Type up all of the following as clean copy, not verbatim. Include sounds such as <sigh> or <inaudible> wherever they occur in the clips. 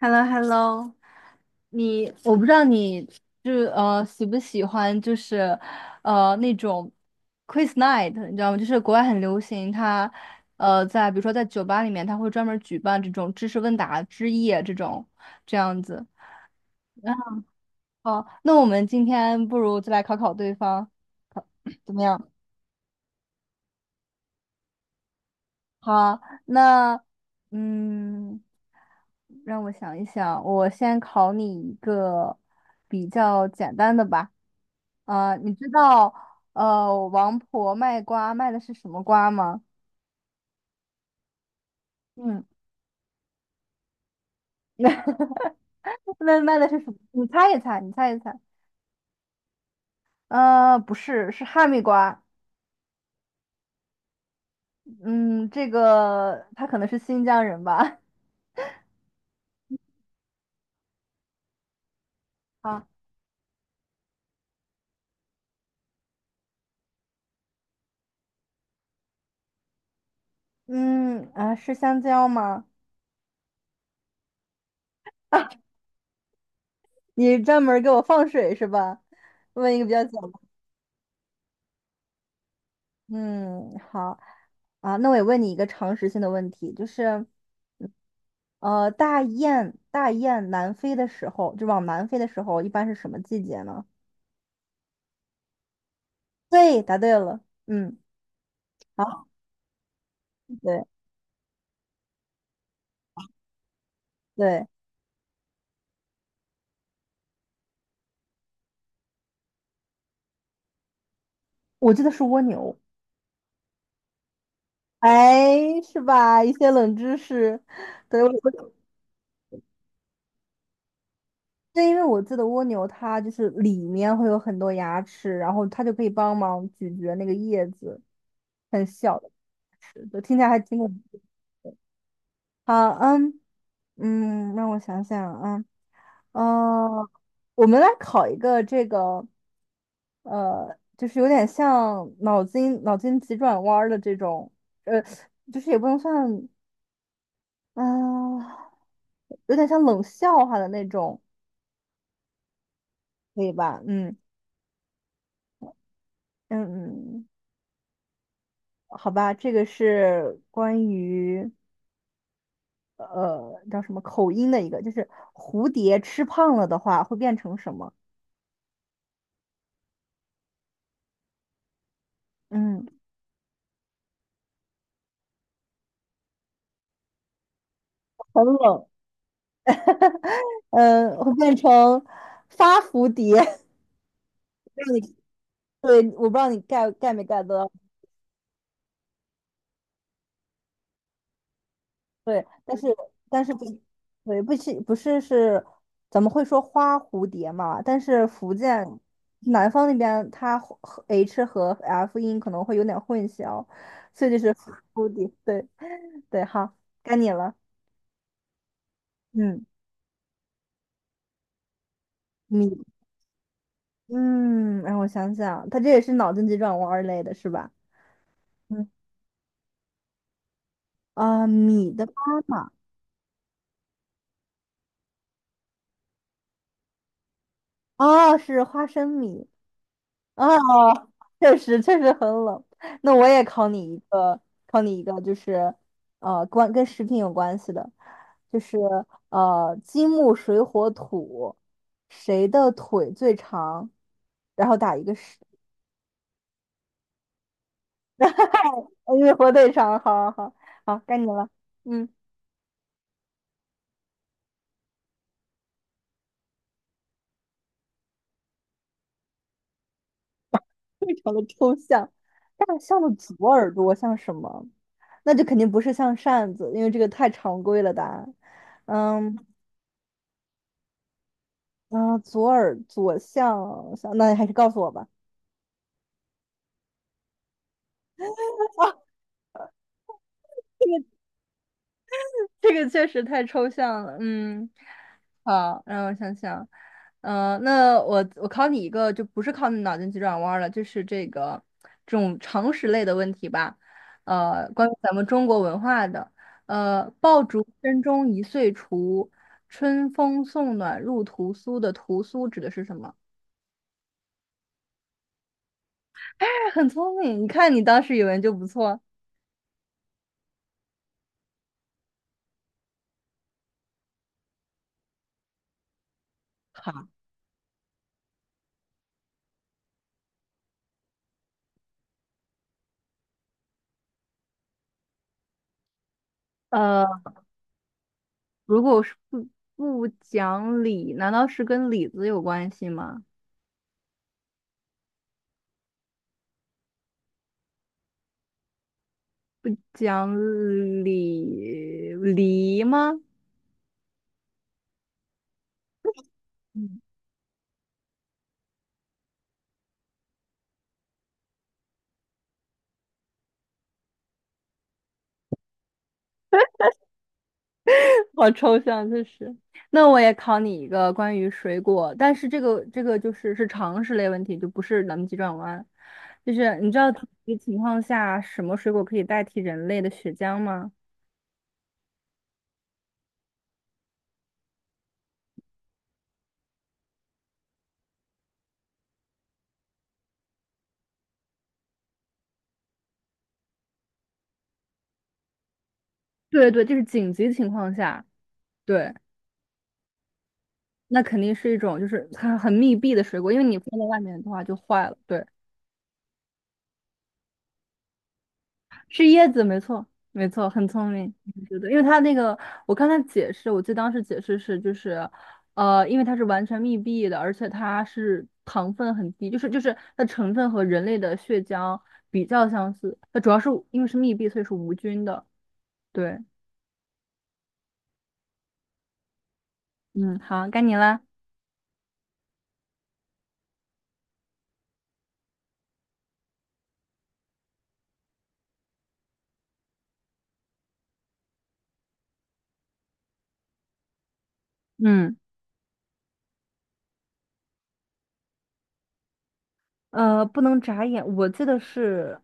h e l l o h e l l o。 我不知道你就是喜不喜欢就是那种 quiz night，你知道吗？就是国外很流行，它在比如说在酒吧里面，它会专门举办这种知识问答之夜这种这样子。然后，哦那我们今天不如就来考考对方，考 <clears throat> 怎么样？好，那嗯，让我想一想，我先考你一个比较简单的吧。啊，你知道王婆卖瓜卖的是什么瓜吗？嗯。<laughs> 那卖的是什么？你猜一猜，你猜一猜。不是，是哈密瓜。嗯，这个他可能是新疆人吧？<laughs> 啊，嗯，啊，是香蕉吗？你专门儿给我放水是吧？问一个比较简嗯，好啊，那我也问你一个常识性的问题，就是大雁南飞的时候，就往南飞的时候，一般是什么季节呢？对，答对了，嗯，好，对对，我记得是蜗牛，哎，是吧？一些冷知识，对，我对，因为我记得蜗牛它就是里面会有很多牙齿，然后它就可以帮忙咀嚼那个叶子，很小的牙齿，就听起来还挺恐怖。好，嗯嗯，让我想想啊。哦，我们来考一个这个，就是有点像脑筋急转弯儿的这种，呃，就是也不能算，嗯、有点像冷笑话的那种，可以吧？嗯嗯嗯，好吧，这个是关于叫什么口音的一个，就是蝴蝶吃胖了的话会变成什么？嗯，很冷。嗯，会变成发蝴蝶，<laughs> 让你对，我不知道你 get 没 get 到，对，但是不，对，不是是，咱们会说花蝴蝶嘛，但是福建南方那边它和 H 和 F 音可能会有点混淆，所以就是花蝴蝶，对对，好，该你了，嗯，你，嗯，让我想想，它这也是脑筋急转弯儿类的是吧？嗯米的妈妈，哦，是花生米。<laughs> 啊，确实确实很冷。那我也考你一个，就是跟食品有关系的，就是金木水火土，谁的腿最长？然后打一个十，因为火腿肠，好好好，好，该你了。嗯，非常的抽象。大象的左耳朵像什么？那就肯定不是像扇子，因为这个太常规了答案。嗯。啊，左耳左向向，那你还是告诉我吧。<laughs> 啊，这个这个确实太抽象了，嗯，好，让我想想，那我考你一个，就不是靠脑筋急转弯儿了，就是这种常识类的问题吧，关于咱们中国文化的，爆竹声中一岁除，春风送暖入屠苏的屠苏指的是什么？<laughs> 哎很聪明，你看你当时语文就不错，呃。如果是不讲理，难道是跟李子有关系吗？讲理梨吗？<laughs> 嗯，好抽象，就是。那我也考你一个关于水果，但是这个就是常识类问题，就不是咱们急转弯。就是你知道紧急情况下什么水果可以代替人类的血浆吗？对对，就是紧急情况下，对，那肯定是一种就是很密闭的水果，因为你放在外面的话就坏了。对。是椰子，没错，没错，很聪明，我觉得，因为它那个，我看它解释，我记得当时解释是，就是，因为它是完全密闭的，而且它是糖分很低，就是它成分和人类的血浆比较相似，它主要是因为是密闭，所以是无菌的。对，嗯，好，该你了。嗯，不能眨眼，我记得是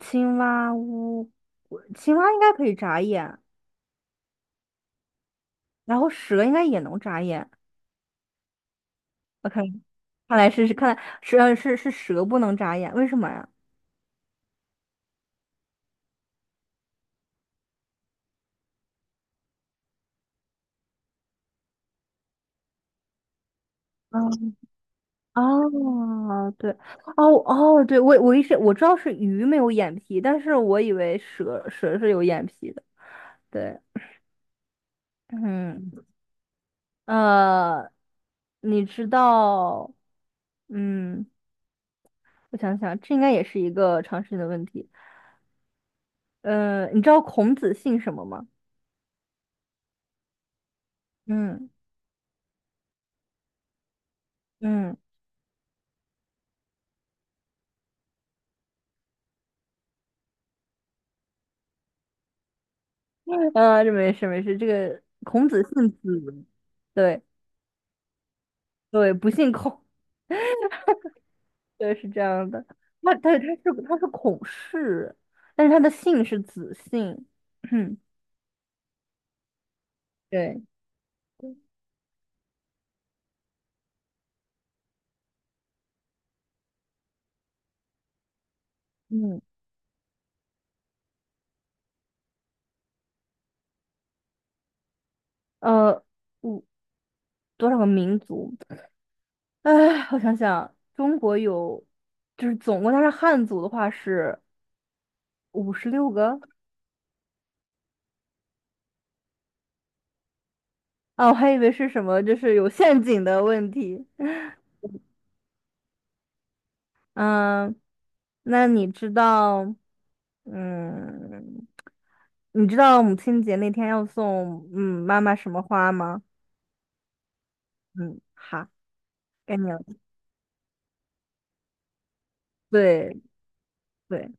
青蛙屋，我青蛙应该可以眨眼，然后蛇应该也能眨眼。OK，看来是看来是是蛇不能眨眼，为什么呀？嗯，哦，对，哦哦，对，我一直我知道是鱼没有眼皮，但是我以为蛇是有眼皮的。对，嗯，呃，你知道，嗯，我想想，这应该也是一个常识性的问题。你知道孔子姓什么吗？嗯嗯，这没事没事，这个孔子姓子，对对，不姓孔。对，是这样的。那他是孔氏，但是他的姓是子姓。<clears throat> 对，嗯，呃，五多少个民族？哎，我想想，中国有，就是总共他是汉族的话是56个啊，我还以为是什么，就是有陷阱的问题。<laughs> 嗯，那嗯，你知道母亲节那天要送妈妈什么花吗？嗯，好。概念了。对对，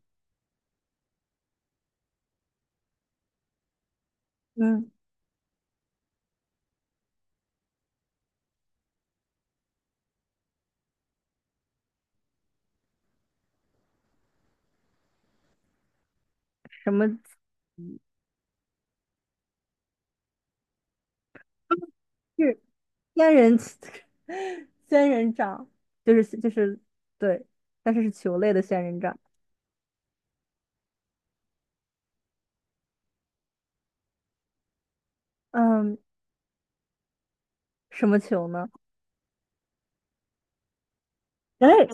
嗯，什么是仙人 <laughs> 仙人掌，就是对，但是是球类的仙人掌。嗯，什么球呢？哎，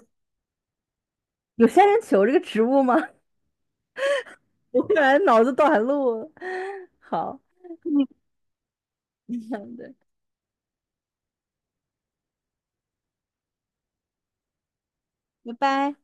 有仙人球这个植物吗？<laughs> 我突然脑子短路了。好，<laughs> 对，拜拜。